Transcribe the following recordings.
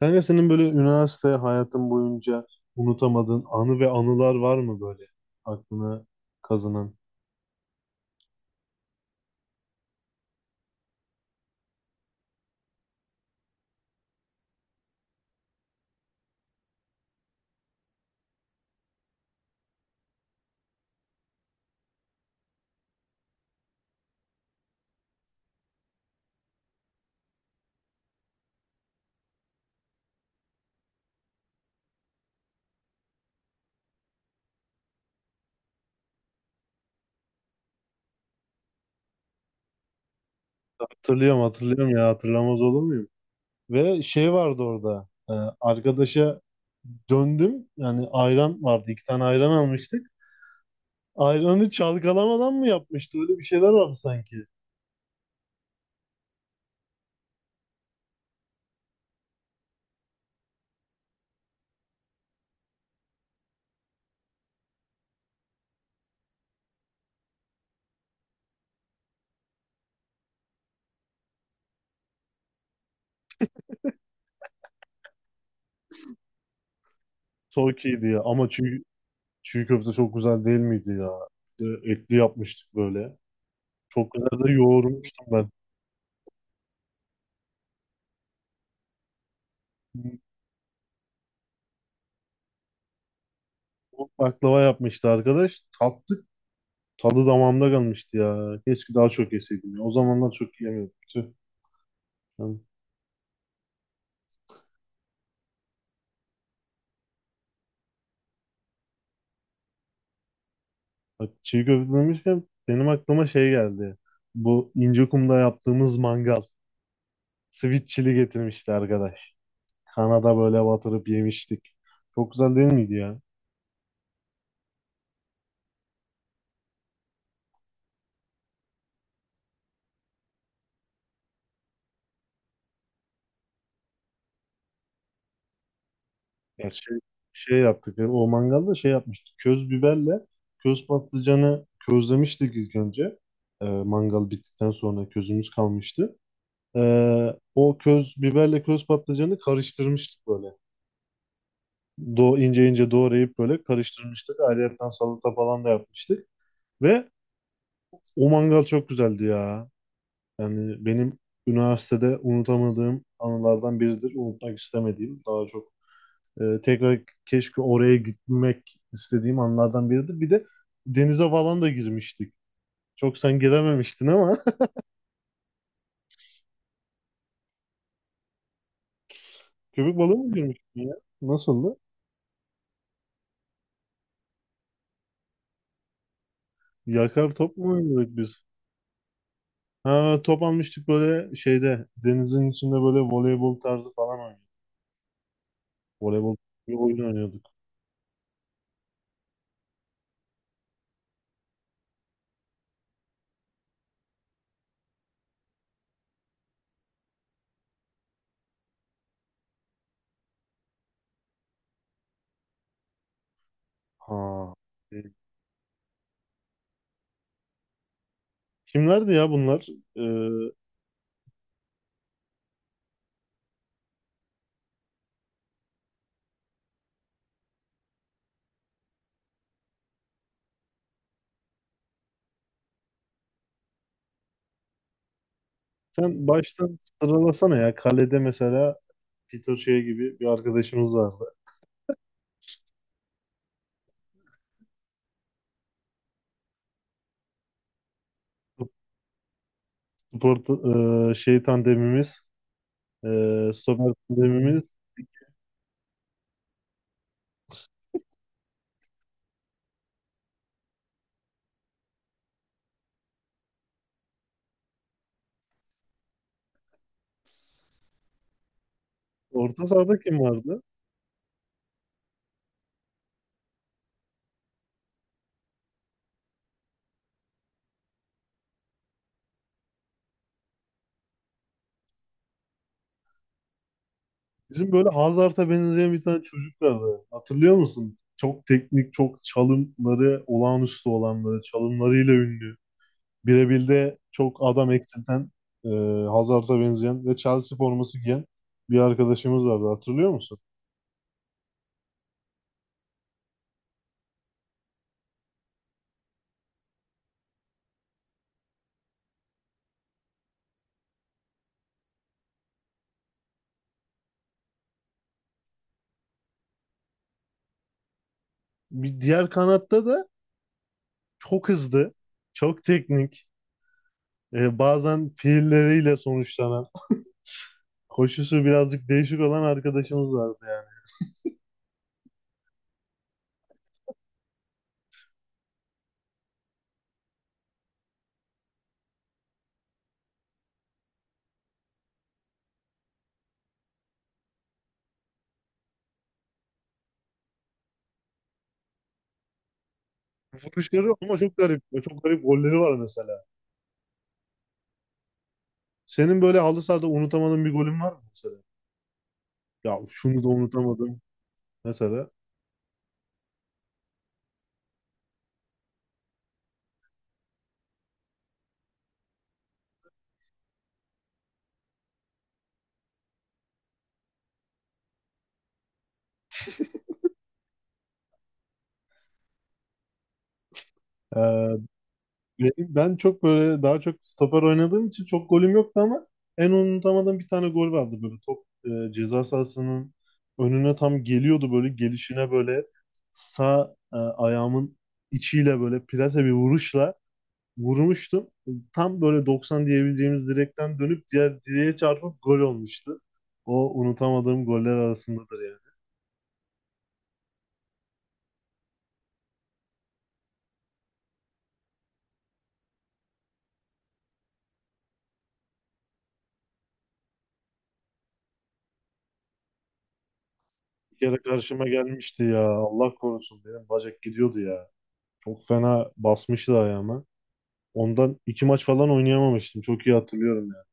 Kanka senin böyle üniversite hayatın boyunca unutamadığın anı ve anılar var mı böyle aklına kazınan? Hatırlıyorum, hatırlıyorum ya, hatırlamaz olur muyum? Ve şey vardı orada, arkadaşa döndüm yani, ayran vardı, iki tane ayran almıştık. Ayranı çalkalamadan mı yapmıştı, öyle bir şeyler vardı sanki. Soğukiydi diye ama çiğ köfte çok güzel değil miydi ya? Etli yapmıştık böyle. Çok güzel de yoğurmuştum ben. Baklava yapmıştı arkadaş. Tattık. Tadı damağımda kalmıştı ya. Keşke daha çok yeseydim ya. O zamanlar çok yiyemiyordum. Tüh. Yani bak, çiğ köfte demişken benim aklıma şey geldi. Bu İncekum'da yaptığımız mangal. Sweet chili getirmişti arkadaş. Kanada böyle batırıp yemiştik. Çok güzel değil miydi ya? Ya şey, O mangalda şey yapmıştık. Köz biberle köz patlıcanı közlemiştik ilk önce. Mangal bittikten sonra közümüz kalmıştı. O köz biberle köz patlıcanı karıştırmıştık böyle. İnce ince doğrayıp böyle karıştırmıştık. Ayrıyetten salata falan da yapmıştık. Ve o mangal çok güzeldi ya. Yani benim üniversitede unutamadığım anılardan biridir. Unutmak istemediğim, daha çok, tekrar keşke oraya gitmek istediğim anlardan biridir. Bir de denize falan da girmiştik. Çok sen girememiştin ama köpek balığı mı, girmiştin ya? Nasıldı? Yakar top mu oynuyorduk biz? Ha, top almıştık, böyle şeyde, denizin içinde böyle voleybol tarzı falan oynuyor. Voleybol, bir oyun oynuyorduk. Ha. E, kimlerdi ya bunlar? Ee, Sen baştan sıralasana ya. Kalede mesela Peter Shea gibi bir arkadaşımız vardı. Spor, şey tandemimiz, stoper tandemimiz. Orta sahada kim vardı? Bizim böyle Hazard'a benzeyen bir tane çocuk vardı. Hatırlıyor musun? Çok teknik, çok çalımları olağanüstü olan, böyle çalımlarıyla ünlü. Birebir'de çok adam eksilten, e, Hazard'a benzeyen ve Chelsea forması giyen bir arkadaşımız vardı, hatırlıyor musun? Bir diğer kanatta da çok hızlı, çok teknik, bazen fiilleriyle sonuçlanan, koşusu birazcık değişik olan arkadaşımız vardı yani. Vuruşları ama çok garip çok garip golleri var mesela. Senin böyle halı sahada unutamadığın bir golün var mı mesela? Ya şunu da unutamadım mesela. Ee, ben çok böyle, daha çok stoper oynadığım için çok golüm yoktu ama en unutamadığım bir tane gol vardı. Böyle top, ceza sahasının önüne tam geliyordu böyle, gelişine böyle sağ, ayağımın içiyle böyle plase bir vuruşla vurmuştum. Tam böyle 90 diyebileceğimiz, direkten dönüp diğer direğe çarpıp gol olmuştu. O unutamadığım goller arasındadır yani. Bir kere karşıma gelmişti ya, Allah korusun, benim bacak gidiyordu ya. Çok fena basmıştı ayağıma. Ondan iki maç falan oynayamamıştım. Çok iyi hatırlıyorum yani.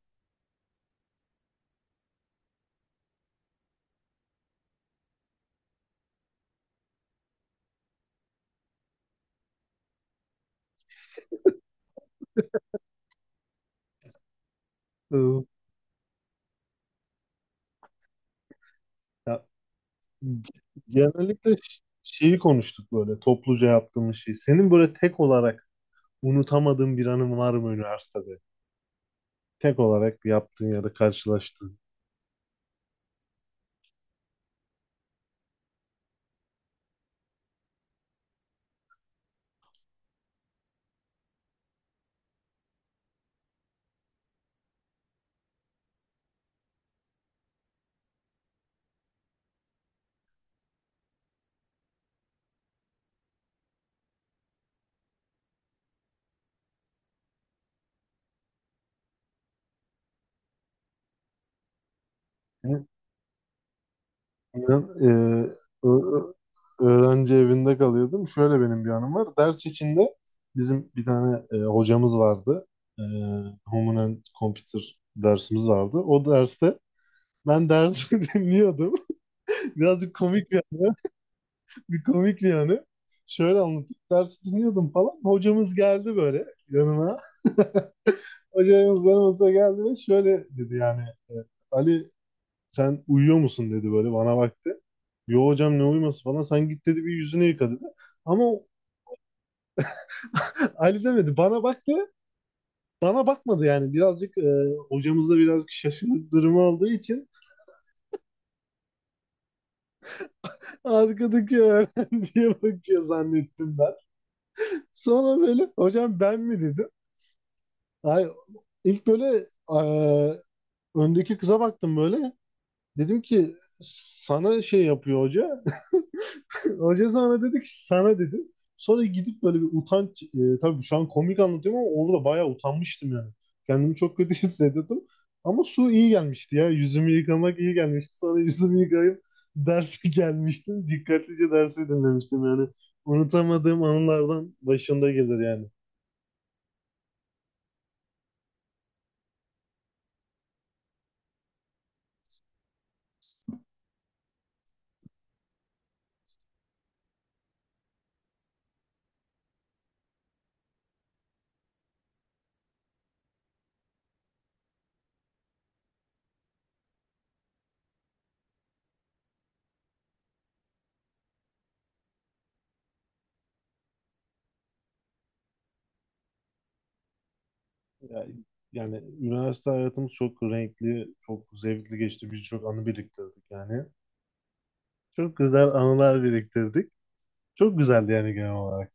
Iı, Ya, genellikle şeyi konuştuk, böyle topluca yaptığımız şey. Senin böyle tek olarak unutamadığın bir anın var mı üniversitede? Tek olarak yaptığın ya da karşılaştığın. Ben, e, ö- Öğrenci evinde kalıyordum. Şöyle benim bir anım var. Ders içinde bizim bir tane hocamız vardı. E, Human and Computer dersimiz vardı. O derste ben dersi dinliyordum. Birazcık komik bir anı. Bir komik bir anı. Şöyle anlatayım. Dersi dinliyordum falan. Hocamız geldi böyle yanıma. Hocamız yanımıza geldi ve şöyle dedi yani. e, Ali sen uyuyor musun dedi, böyle bana baktı. Yo hocam, ne uyuması falan. Sen git dedi, bir yüzünü yıka dedi. Ama o- Ali demedi. Bana baktı. Bana bakmadı yani. Birazcık, hocamız da birazcık şaşırdık durumu olduğu için, arkadaki öğrenciye bakıyor zannettim ben. Sonra böyle, hocam ben mi dedi. Ay, ilk böyle eee, öndeki kıza baktım böyle. Dedim ki sana şey yapıyor hoca. Hoca sana dedi ki, sana dedi. Sonra gidip böyle bir utanç. Tabii şu an komik anlatıyorum ama orada bayağı utanmıştım yani. Kendimi çok kötü hissediyordum. Ama su iyi gelmişti ya. Yüzümü yıkamak iyi gelmişti. Sonra yüzümü yıkayıp derse gelmiştim. Dikkatlice dersi dinlemiştim yani. Unutamadığım anılardan başında gelir yani. Yani, Yani üniversite hayatımız çok renkli, çok zevkli geçti. Birçok anı biriktirdik yani. Çok güzel anılar biriktirdik. Çok güzeldi yani genel olarak.